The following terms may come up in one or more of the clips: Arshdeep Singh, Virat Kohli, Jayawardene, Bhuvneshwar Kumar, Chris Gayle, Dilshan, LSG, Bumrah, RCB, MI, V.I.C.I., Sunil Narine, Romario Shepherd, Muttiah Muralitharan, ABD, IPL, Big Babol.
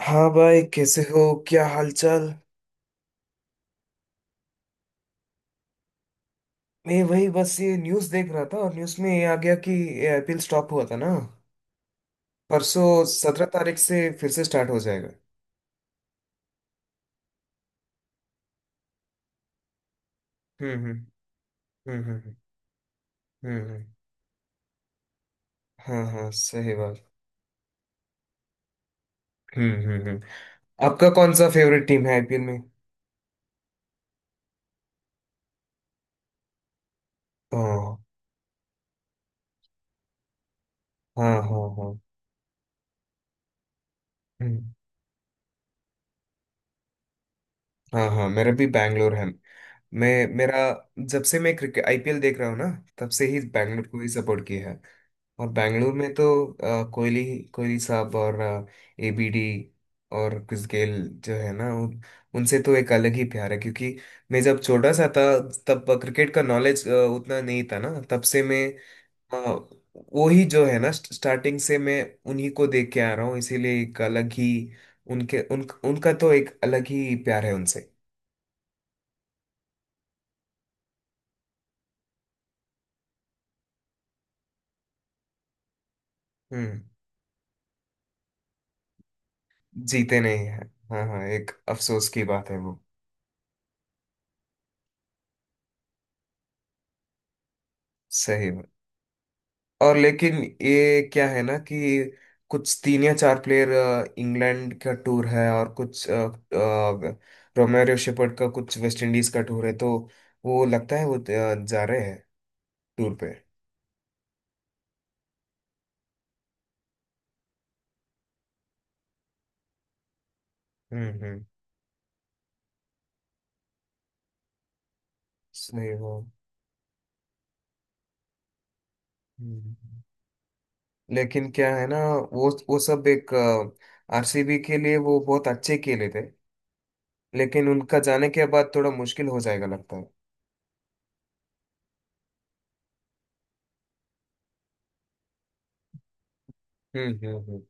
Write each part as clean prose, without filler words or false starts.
हाँ भाई, कैसे हो? क्या हालचाल? मैं वही बस ये न्यूज़ देख रहा था और न्यूज़ में ये आ गया कि ये आईपीएल स्टॉप हुआ था ना परसों। 17 तारीख से फिर से स्टार्ट हो जाएगा। हम्म, हम्म, हम्म, हम्म, हम्म, हम्म। हाँ हाँ, सही बात। हम्म, हम्म, हम्म। आपका कौन सा फेवरेट टीम है आईपीएल में? हाँ, हाँ, हाँ, हाँ। हम्म। हाँ हाँ, मेरा भी बैंगलोर है। मैं मेरा जब से मैं क्रिकेट आईपीएल देख रहा हूँ ना, तब से ही बैंगलोर को ही सपोर्ट किया है। और बैंगलोर में तो कोहली कोहली साहब और एबीडी और क्रिस गेल जो है ना उनसे तो एक अलग ही प्यार है, क्योंकि मैं जब छोटा सा था तब क्रिकेट का नॉलेज उतना नहीं था ना, तब से अ, वो ही जो है ना स्टार्टिंग से मैं उन्हीं को देख के आ रहा हूँ, इसीलिए एक अलग ही उनका तो एक अलग ही प्यार है उनसे। हम्म। जीते नहीं है। हाँ हाँ, एक अफसोस की बात है वो। सही बात। और लेकिन ये क्या है ना कि कुछ तीन या चार प्लेयर इंग्लैंड का टूर है, और कुछ रोमेरियो शेफर्ड का कुछ वेस्ट इंडीज का टूर है, तो वो लगता है वो जा रहे हैं टूर पे। हम्म, हम्म। सही वो। हम्म। लेकिन क्या है ना, वो सब एक आरसीबी के लिए वो बहुत अच्छे खेले थे, लेकिन उनका जाने के बाद थोड़ा मुश्किल हो जाएगा लगता है। हम्म, हम्म,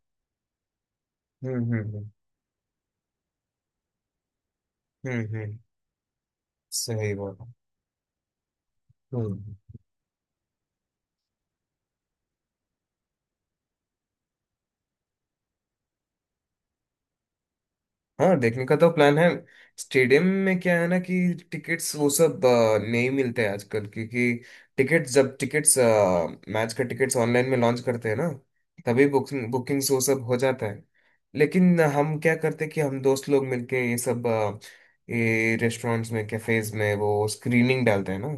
हम्म, हम्म, हम्म, हम्म, हम्म। सही बात। हम्म। हाँ, देखने का तो प्लान है। स्टेडियम में क्या है ना कि टिकट्स वो सब नहीं मिलते हैं आजकल, क्योंकि टिकट्स जब टिकट्स, मैच का टिकट्स ऑनलाइन में लॉन्च करते हैं ना, तभी बुकिंग्स वो सब हो जाता है। लेकिन हम क्या करते हैं कि हम दोस्त लोग मिलके ये रेस्टोरेंट्स में, कैफेज में वो स्क्रीनिंग डालते हैं ना,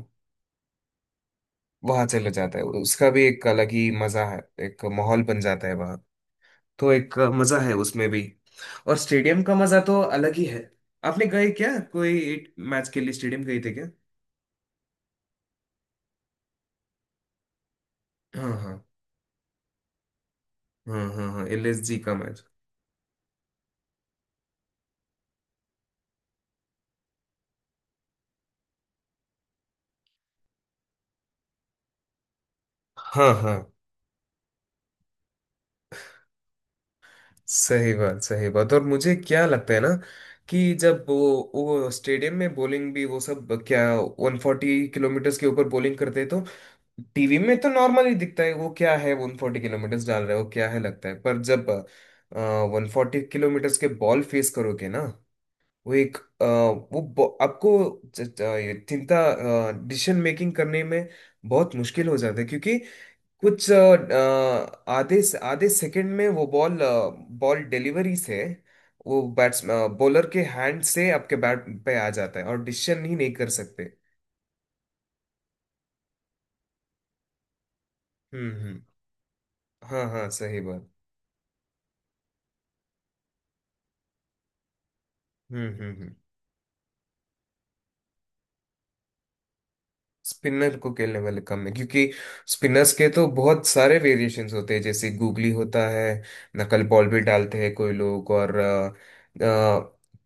वहाँ चले जाता है, उसका भी एक अलग ही मजा है, एक माहौल बन जाता है, तो एक मजा है उसमें भी। और स्टेडियम का मजा तो अलग ही है। आपने गए क्या कोई एक मैच के लिए स्टेडियम गए थे क्या? हाँ, हाँ, हाँ, हाँ, हाँ, एलएसजी का मैच। हाँ हाँ, सही बात, सही बात। और मुझे क्या लगता है ना कि जब वो स्टेडियम में बॉलिंग भी वो सब क्या, 140 किलोमीटर के ऊपर बॉलिंग करते हैं, तो टीवी में तो नॉर्मल ही दिखता है, वो क्या है 140 किलोमीटर डाल रहे हो क्या है लगता है, पर जब वन फोर्टी किलोमीटर के बॉल फेस करोगे ना, वो एक अ, वो ब- आपको ये चिंता डिसीजन मेकिंग करने में बहुत मुश्किल हो जाता है, क्योंकि कुछ आधे आधे सेकंड में वो बॉल बॉल डिलीवरी से वो बैट्स बॉलर के हैंड से आपके बैट पे आ जाता है और डिसीजन ही नहीं कर सकते। हम्म, हम्म। हाँ हाँ, सही बात। हम्म, हम्म, हम्म। स्पिनर को खेलने वाले कम है, क्योंकि स्पिनर्स के तो बहुत सारे वेरिएशंस होते हैं, जैसे गूगली होता है, नकल बॉल भी डालते हैं कोई लोग, और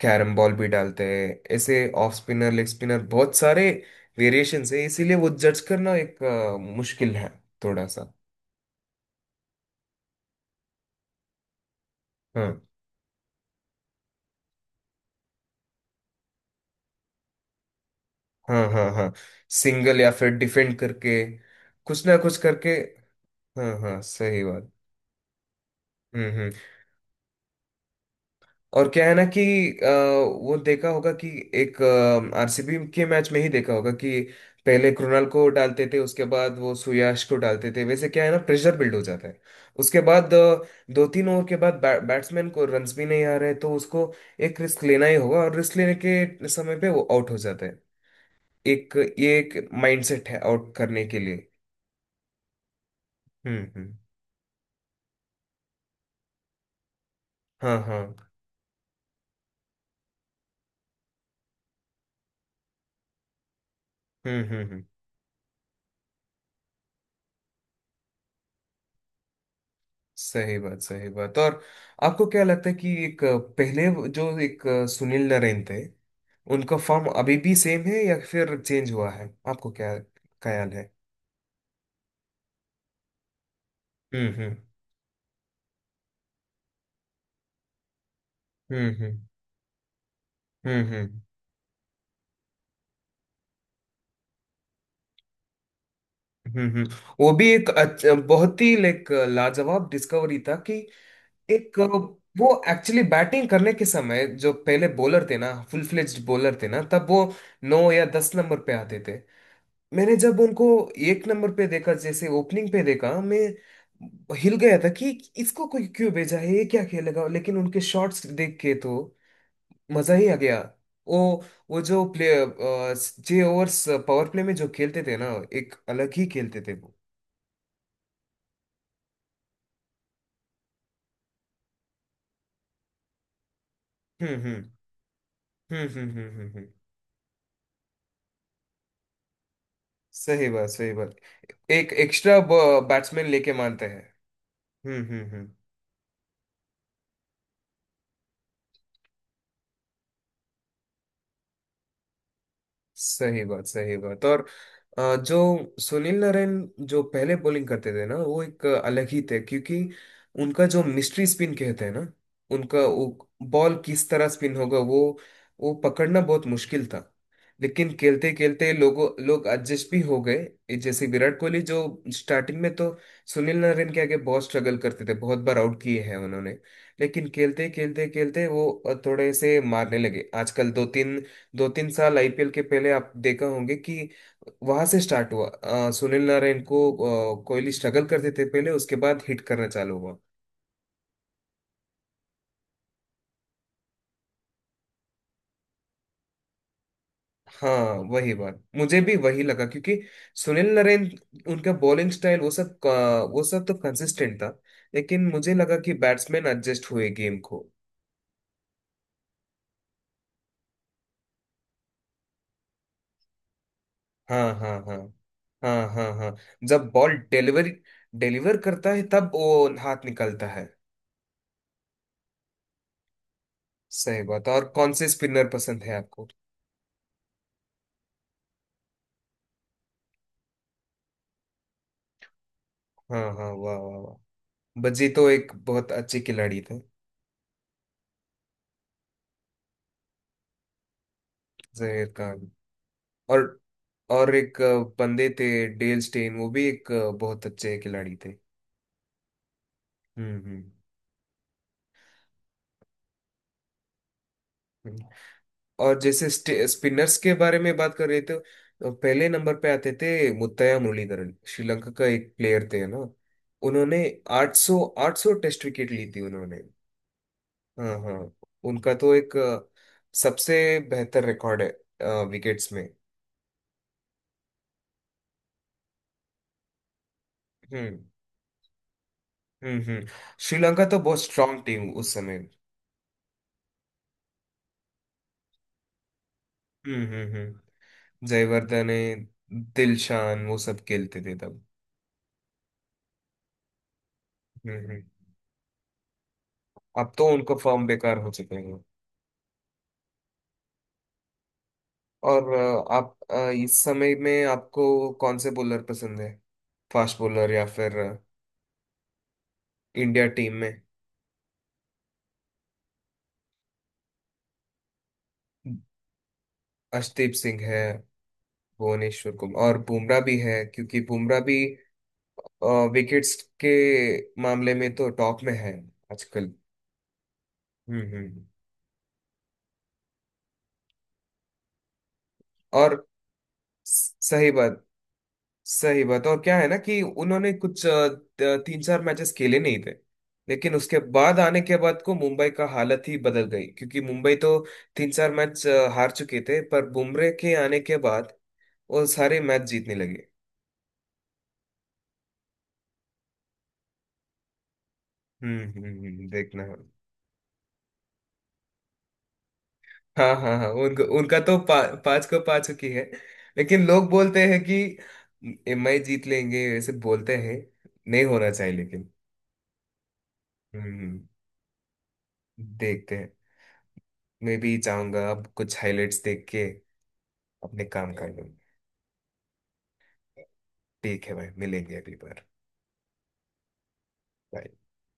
कैरम बॉल भी डालते हैं, ऐसे ऑफ स्पिनर, लेग स्पिनर, बहुत सारे वेरिएशंस है, इसीलिए वो जज करना एक मुश्किल है थोड़ा सा। हाँ, हाँ, हाँ, हाँ। सिंगल या फिर डिफेंड करके, कुछ ना कुछ करके। हाँ हाँ, सही बात। हम्म, और क्या है ना कि अ, वो देखा होगा कि एक आरसीबी के मैच में ही देखा होगा कि पहले कृणाल को डालते थे, उसके बाद वो सुयाश को डालते थे, वैसे क्या है ना प्रेशर बिल्ड हो जाता है, उसके बाद दो तीन ओवर के बाद बैट्समैन को रन्स भी नहीं आ रहे, तो उसको एक रिस्क लेना ही होगा, और रिस्क लेने के समय पे वो आउट हो जाता है, एक ये एक माइंडसेट है आउट करने के लिए। हम्म, हम्म। हाँ हाँ। हम्म, हम्म, हम्म। सही बात, सही बात। और आपको क्या लगता है कि एक, पहले जो एक सुनील नरेन थे, उनका फॉर्म अभी भी सेम है या फिर चेंज हुआ है, आपको क्या ख्याल है? हम्म, हम्म, हम्म, हम्म, हम्म, हम्म, हम्म, हम्म। वो भी बहुत ही लाइक लाजवाब डिस्कवरी था कि एक वो एक्चुअली बैटिंग करने के समय, जो पहले बॉलर थे ना, फुल फ्लेज्ड बॉलर थे ना, तब वो नौ या 10 नंबर पे आते थे। मैंने जब उनको एक नंबर पे देखा, जैसे ओपनिंग पे देखा, मैं हिल गया था कि इसको कोई क्यों भेजा है, ये क्या खेलेगा। लेकिन उनके शॉट्स देख के तो मजा ही आ गया। वो वो जो प्ले जे ओवर्स पावर प्ले में जो खेलते थे ना, एक अलग ही खेलते थे वो। हम्म, हम्म, हम्म, हम्म, हम्म, हम्म, सही बात, सही बात। एक एक्स्ट्रा बैट्समैन लेके मानते हैं। हम्म, हम्म, हम्म। सही बात, सही बात। और जो सुनील नारायण जो पहले बॉलिंग करते थे ना, वो एक अलग ही थे, क्योंकि उनका जो मिस्ट्री स्पिन कहते हैं ना, उनका वो बॉल किस तरह स्पिन होगा, वो पकड़ना बहुत मुश्किल था। लेकिन खेलते खेलते लोग एडजस्ट भी हो गए। ये जैसे विराट कोहली, जो स्टार्टिंग में तो सुनील नारायण के आगे बहुत स्ट्रगल करते थे, बहुत बार आउट किए हैं उन्होंने। लेकिन खेलते खेलते खेलते वो थोड़े से मारने लगे आजकल। दो तीन साल आईपीएल के पहले आप देखा होंगे कि वहां से स्टार्ट हुआ, सुनील नारायण को कोहली स्ट्रगल करते थे पहले, उसके बाद हिट करना चालू हुआ। हाँ वही बात, मुझे भी वही लगा क्योंकि सुनील नारायण, उनका बॉलिंग स्टाइल वो सब तो कंसिस्टेंट था, लेकिन मुझे लगा कि बैट्समैन एडजस्ट हुए गेम को। हाँ, हाँ, हाँ, हाँ, हाँ, हाँ। जब बॉल डिलीवर करता है, तब वो हाथ निकलता है। सही बात। और कौन से स्पिनर पसंद है आपको? हाँ हाँ, वाह, वाह, वाह। बज्जी तो एक बहुत अच्छी खिलाड़ी थे। जहीर खान। और और एक बंदे थे डेल स्टेन, वो भी एक बहुत अच्छे खिलाड़ी थे। हम्म, हम्म, हम्म। और जैसे स्पिनर्स के बारे में बात कर रहे थे, तो पहले नंबर पे आते थे मुत्तैया मुरलीधरन। श्रीलंका का एक प्लेयर थे ना, उन्होंने 800 800 टेस्ट विकेट ली थी उन्होंने। हाँ हाँ, उनका तो एक सबसे बेहतर रिकॉर्ड है विकेट्स में। हम्म, हम्म, हम्म। श्रीलंका तो बहुत स्ट्रांग टीम उस समय। हम्म, हम्म, हम्म। जयवर्धने, दिलशान, वो सब खेलते थे तब। हम्म, अब तो उनको फॉर्म बेकार हो चुके हैं। और आप इस समय में आपको कौन से बॉलर पसंद है? फास्ट बॉलर या फिर इंडिया टीम में? अर्शदीप सिंह है, भुवनेश्वर कुमार, और बुमराह भी है, क्योंकि बुमराह भी विकेट्स के मामले में तो टॉप में है आजकल। हम्म, हम्म, और सही बात, सही बात। और क्या है ना कि उन्होंने कुछ तीन चार मैचेस खेले नहीं थे, लेकिन उसके बाद आने के बाद को मुंबई का हालत ही बदल गई, क्योंकि मुंबई तो तीन चार मैच हार चुके थे, पर बुमरे के आने के बाद वो सारे मैच जीतने लगे। हम्म, हम्म, हम्म। देखना है। हाँ हाँ हाँ, उनका उनका तो पांच को पा चुकी है। लेकिन लोग बोलते हैं कि एमआई जीत लेंगे, ऐसे बोलते हैं। नहीं होना चाहिए लेकिन। हम्म, देखते हैं। मैं भी चाहूंगा अब कुछ हाइलाइट्स देख के अपने काम कर लो। ठीक है भाई, मिलेंगे अगली बार। Bye.